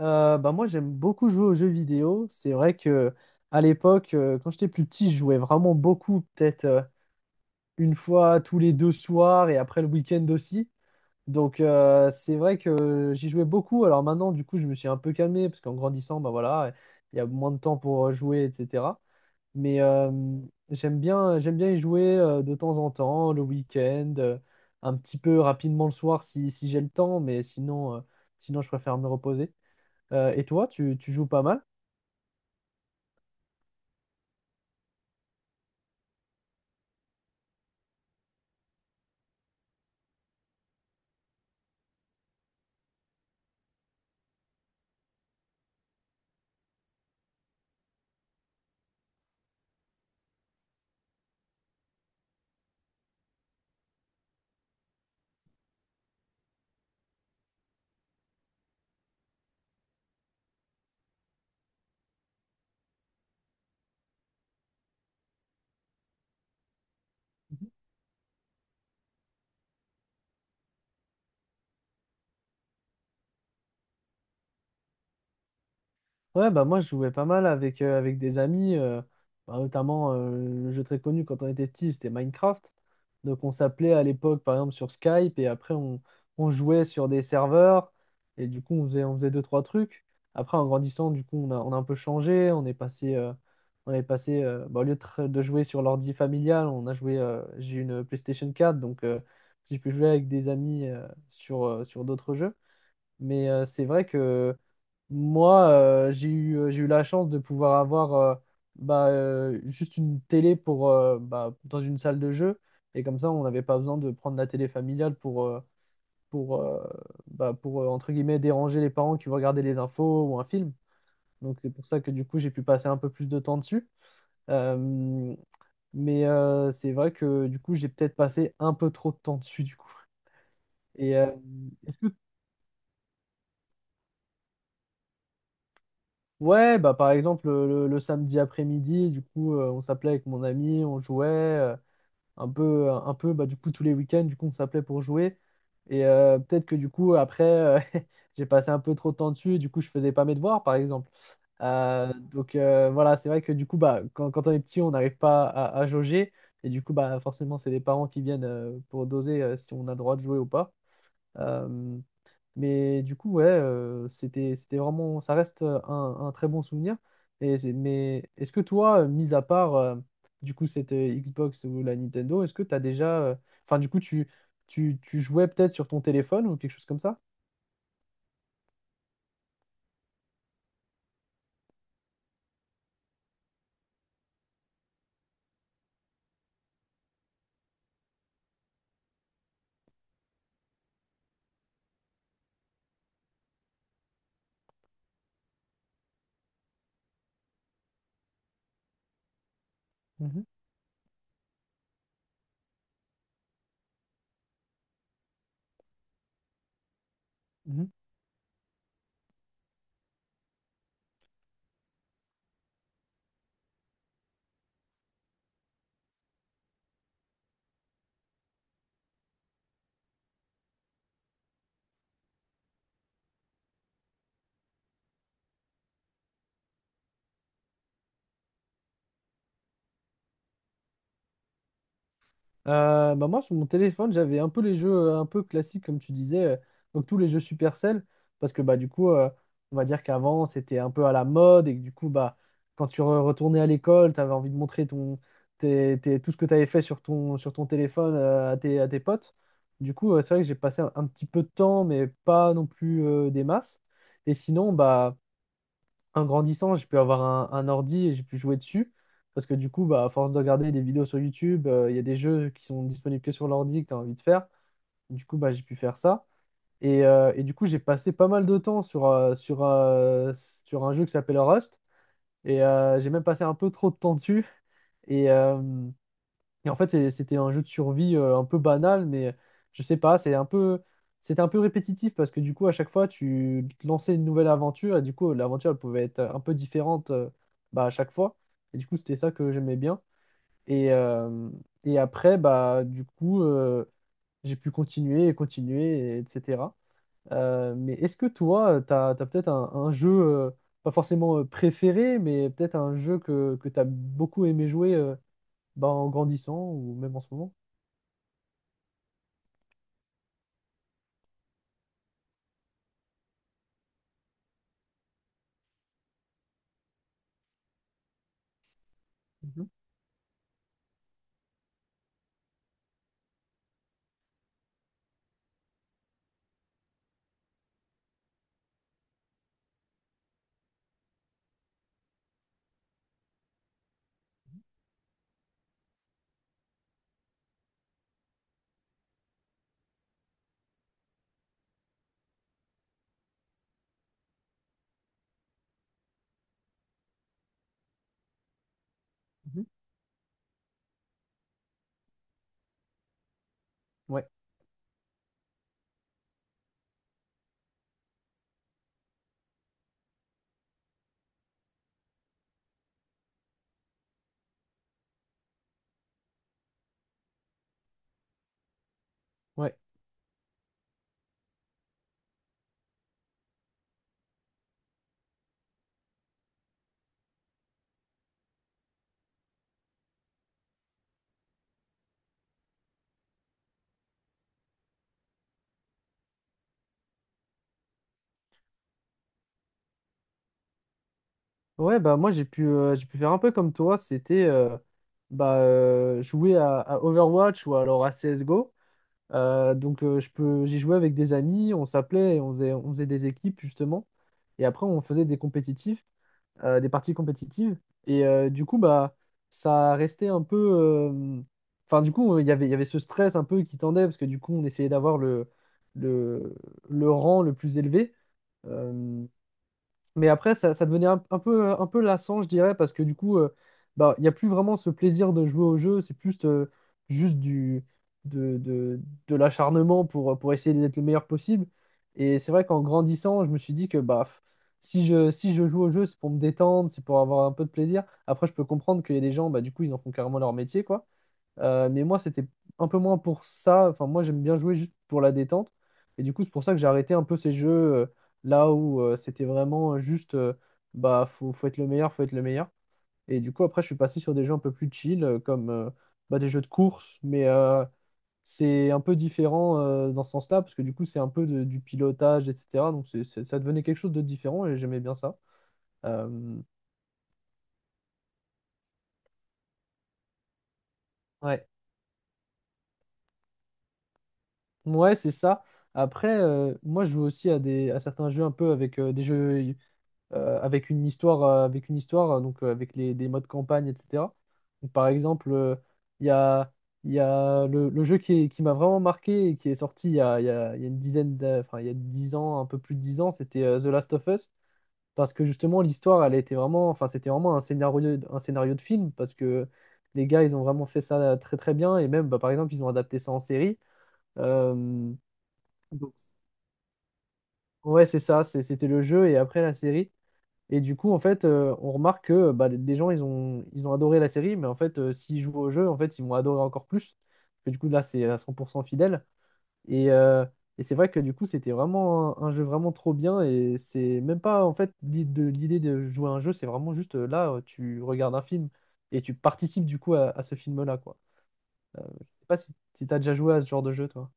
Bah moi j'aime beaucoup jouer aux jeux vidéo. C'est vrai que à l'époque, quand j'étais plus petit, je jouais vraiment beaucoup, peut-être une fois tous les deux soirs et après le week-end aussi. Donc c'est vrai que j'y jouais beaucoup. Alors maintenant, du coup, je me suis un peu calmé parce qu'en grandissant, bah voilà, il y a moins de temps pour jouer, etc. Mais j'aime bien y jouer de temps en temps, le week-end, un petit peu rapidement le soir si j'ai le temps, mais sinon, sinon je préfère me reposer. Et toi, tu joues pas mal? Ouais, bah moi je jouais pas mal avec, avec des amis, bah, notamment le jeu très connu quand on était petit, c'était Minecraft. Donc on s'appelait à l'époque par exemple sur Skype et on jouait sur des serveurs et du coup on faisait deux, trois trucs. Après en grandissant, du coup on a un peu changé, on est passé, au lieu de, de jouer sur l'ordi familial, on a joué, j'ai une PlayStation 4 donc j'ai pu jouer avec des amis sur d'autres jeux. Mais c'est vrai que moi, j'ai eu la chance de pouvoir avoir juste une télé pour, dans une salle de jeu. Et comme ça, on n'avait pas besoin de prendre la télé familiale pour, euh, pour, entre guillemets, déranger les parents qui vont regarder les infos ou un film. Donc c'est pour ça que du coup, j'ai pu passer un peu plus de temps dessus. Euh, mais c'est vrai que du coup, j'ai peut-être passé un peu trop de temps dessus, du coup. Et, euh, Ouais, bah par exemple le samedi après-midi, du coup on s'appelait avec mon ami, on jouait un peu, bah du coup tous les week-ends, du coup on s'appelait pour jouer. Et peut-être que du coup après j'ai passé un peu trop de temps dessus, et du coup je faisais pas mes devoirs par exemple. Voilà, c'est vrai que du coup bah quand on est petit on n'arrive pas à, à jauger et du coup bah forcément c'est les parents qui viennent pour doser si on a le droit de jouer ou pas. Euh, mais du coup, ouais, c'était vraiment, ça reste un très bon souvenir. Et c'est- mais est-ce que toi, mis à part du coup cette Xbox ou la Nintendo, est-ce que tu as déjà, enfin du coup, tu, tu jouais peut-être sur ton téléphone ou quelque chose comme ça? Mhm, mhm. Bah moi, sur mon téléphone, j'avais un peu les jeux un peu classiques, comme tu disais, donc tous les jeux Supercell, parce que bah, du coup, on va dire qu'avant, c'était un peu à la mode, et que du coup, bah, quand tu retournais à l'école, tu avais envie de montrer ton, tout ce que tu avais fait sur ton téléphone à tes potes. Du coup, c'est vrai que j'ai passé un petit peu de temps, mais pas non plus des masses. Et sinon, bah, en grandissant, j'ai pu avoir un ordi et j'ai pu jouer dessus. Parce que du coup, bah, à force de regarder des vidéos sur YouTube, il y a des jeux qui sont disponibles que sur l'ordi que tu as envie de faire. Du coup, bah, j'ai pu faire ça. Et du coup, j'ai passé pas mal de temps sur un jeu qui s'appelle Rust. Et j'ai même passé un peu trop de temps dessus. Et, euh, et en fait, c'était un jeu de survie un peu banal, mais je sais pas, c'était un peu répétitif parce que du coup, à chaque fois, tu lançais une nouvelle aventure et du coup, l'aventure, elle pouvait être un peu différente bah, à chaque fois. Et du coup, c'était ça que j'aimais bien. Et, euh, et après, j'ai pu continuer et continuer, et etc. Mais est-ce que toi, t'as peut-être un jeu, pas forcément préféré, mais peut-être un jeu que t'as beaucoup aimé jouer bah, en grandissant ou même en ce moment? Mhm, mhm. Ouais, ouais. Ouais, Bah moi j'ai pu faire un peu comme toi, c'était jouer à Overwatch ou alors à CSGO. J'y jouais avec des amis, on s'appelait, et on faisait des équipes justement, et après on faisait des compétitifs, des parties compétitives, et du coup bah ça restait un peu, euh, enfin du coup il y avait ce stress un peu qui tendait parce que du coup on essayait d'avoir le, le rang le plus élevé. Euh, Mais après, ça devenait un peu lassant, je dirais, parce que du coup, bah, il n'y a plus vraiment ce plaisir de jouer au jeu, c'est plus juste de, de, de l'acharnement pour essayer d'être le meilleur possible. Et c'est vrai qu'en grandissant, je me suis dit que bah, si je joue au jeu, c'est pour me détendre, c'est pour avoir un peu de plaisir. Après, je peux comprendre qu'il y a des gens, bah, du coup, ils en font carrément leur métier, quoi. Mais moi, c'était un peu moins pour ça. Enfin, moi, j'aime bien jouer juste pour la détente. Et du coup, c'est pour ça que j'ai arrêté un peu ces jeux là où c'était vraiment juste, bah, faut être le meilleur, faut être le meilleur. Et du coup, après, je suis passé sur des jeux un peu plus chill, comme bah, des jeux de course. Mais c'est un peu différent dans ce sens-là, parce que du coup, c'est un peu du pilotage, etc. Donc, ça devenait quelque chose de différent et j'aimais bien ça. Euh, ouais. Ouais, c'est ça. Après, moi, je joue aussi à des à certains jeux un peu avec des jeux avec une histoire, donc avec des modes campagne, etc. Donc, par exemple, il y a, il y a le jeu qui m'a vraiment marqué et qui est sorti il y a une dizaine d'a- enfin, il y a 10 ans, un peu plus de 10 ans, c'était The Last of Us. Parce que justement, l'histoire, elle était vraiment, enfin, c'était vraiment un scénario de film, parce que les gars, ils ont vraiment fait ça très très bien. Et même, bah, par exemple, ils ont adapté ça en série. Donc, ouais, c'était le jeu et après la série. Et du coup, en fait, on remarque que bah, des gens, ils ont adoré la série, mais en fait, s'ils jouent au jeu, en fait, ils vont adorer encore plus. Parce que du coup, là, c'est à 100% fidèle. Et, euh, et c'est vrai que du coup, c'était vraiment un jeu vraiment trop bien. Et c'est même pas, en fait, l'idée de jouer à un jeu, c'est vraiment juste tu regardes un film et tu participes du coup à ce film-là, quoi. Je sais pas si t'as déjà joué à ce genre de jeu, toi.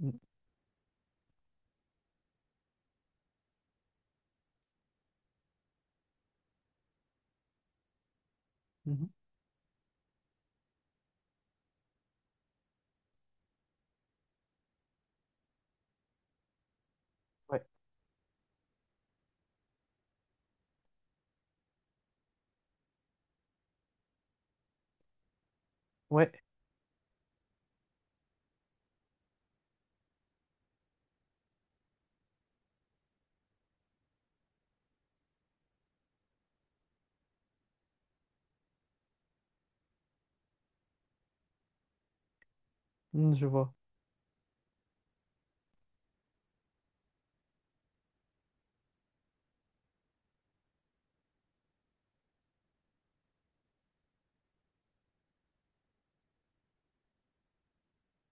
Mm. Mhm. Ouais, ouais. Mm, je vois.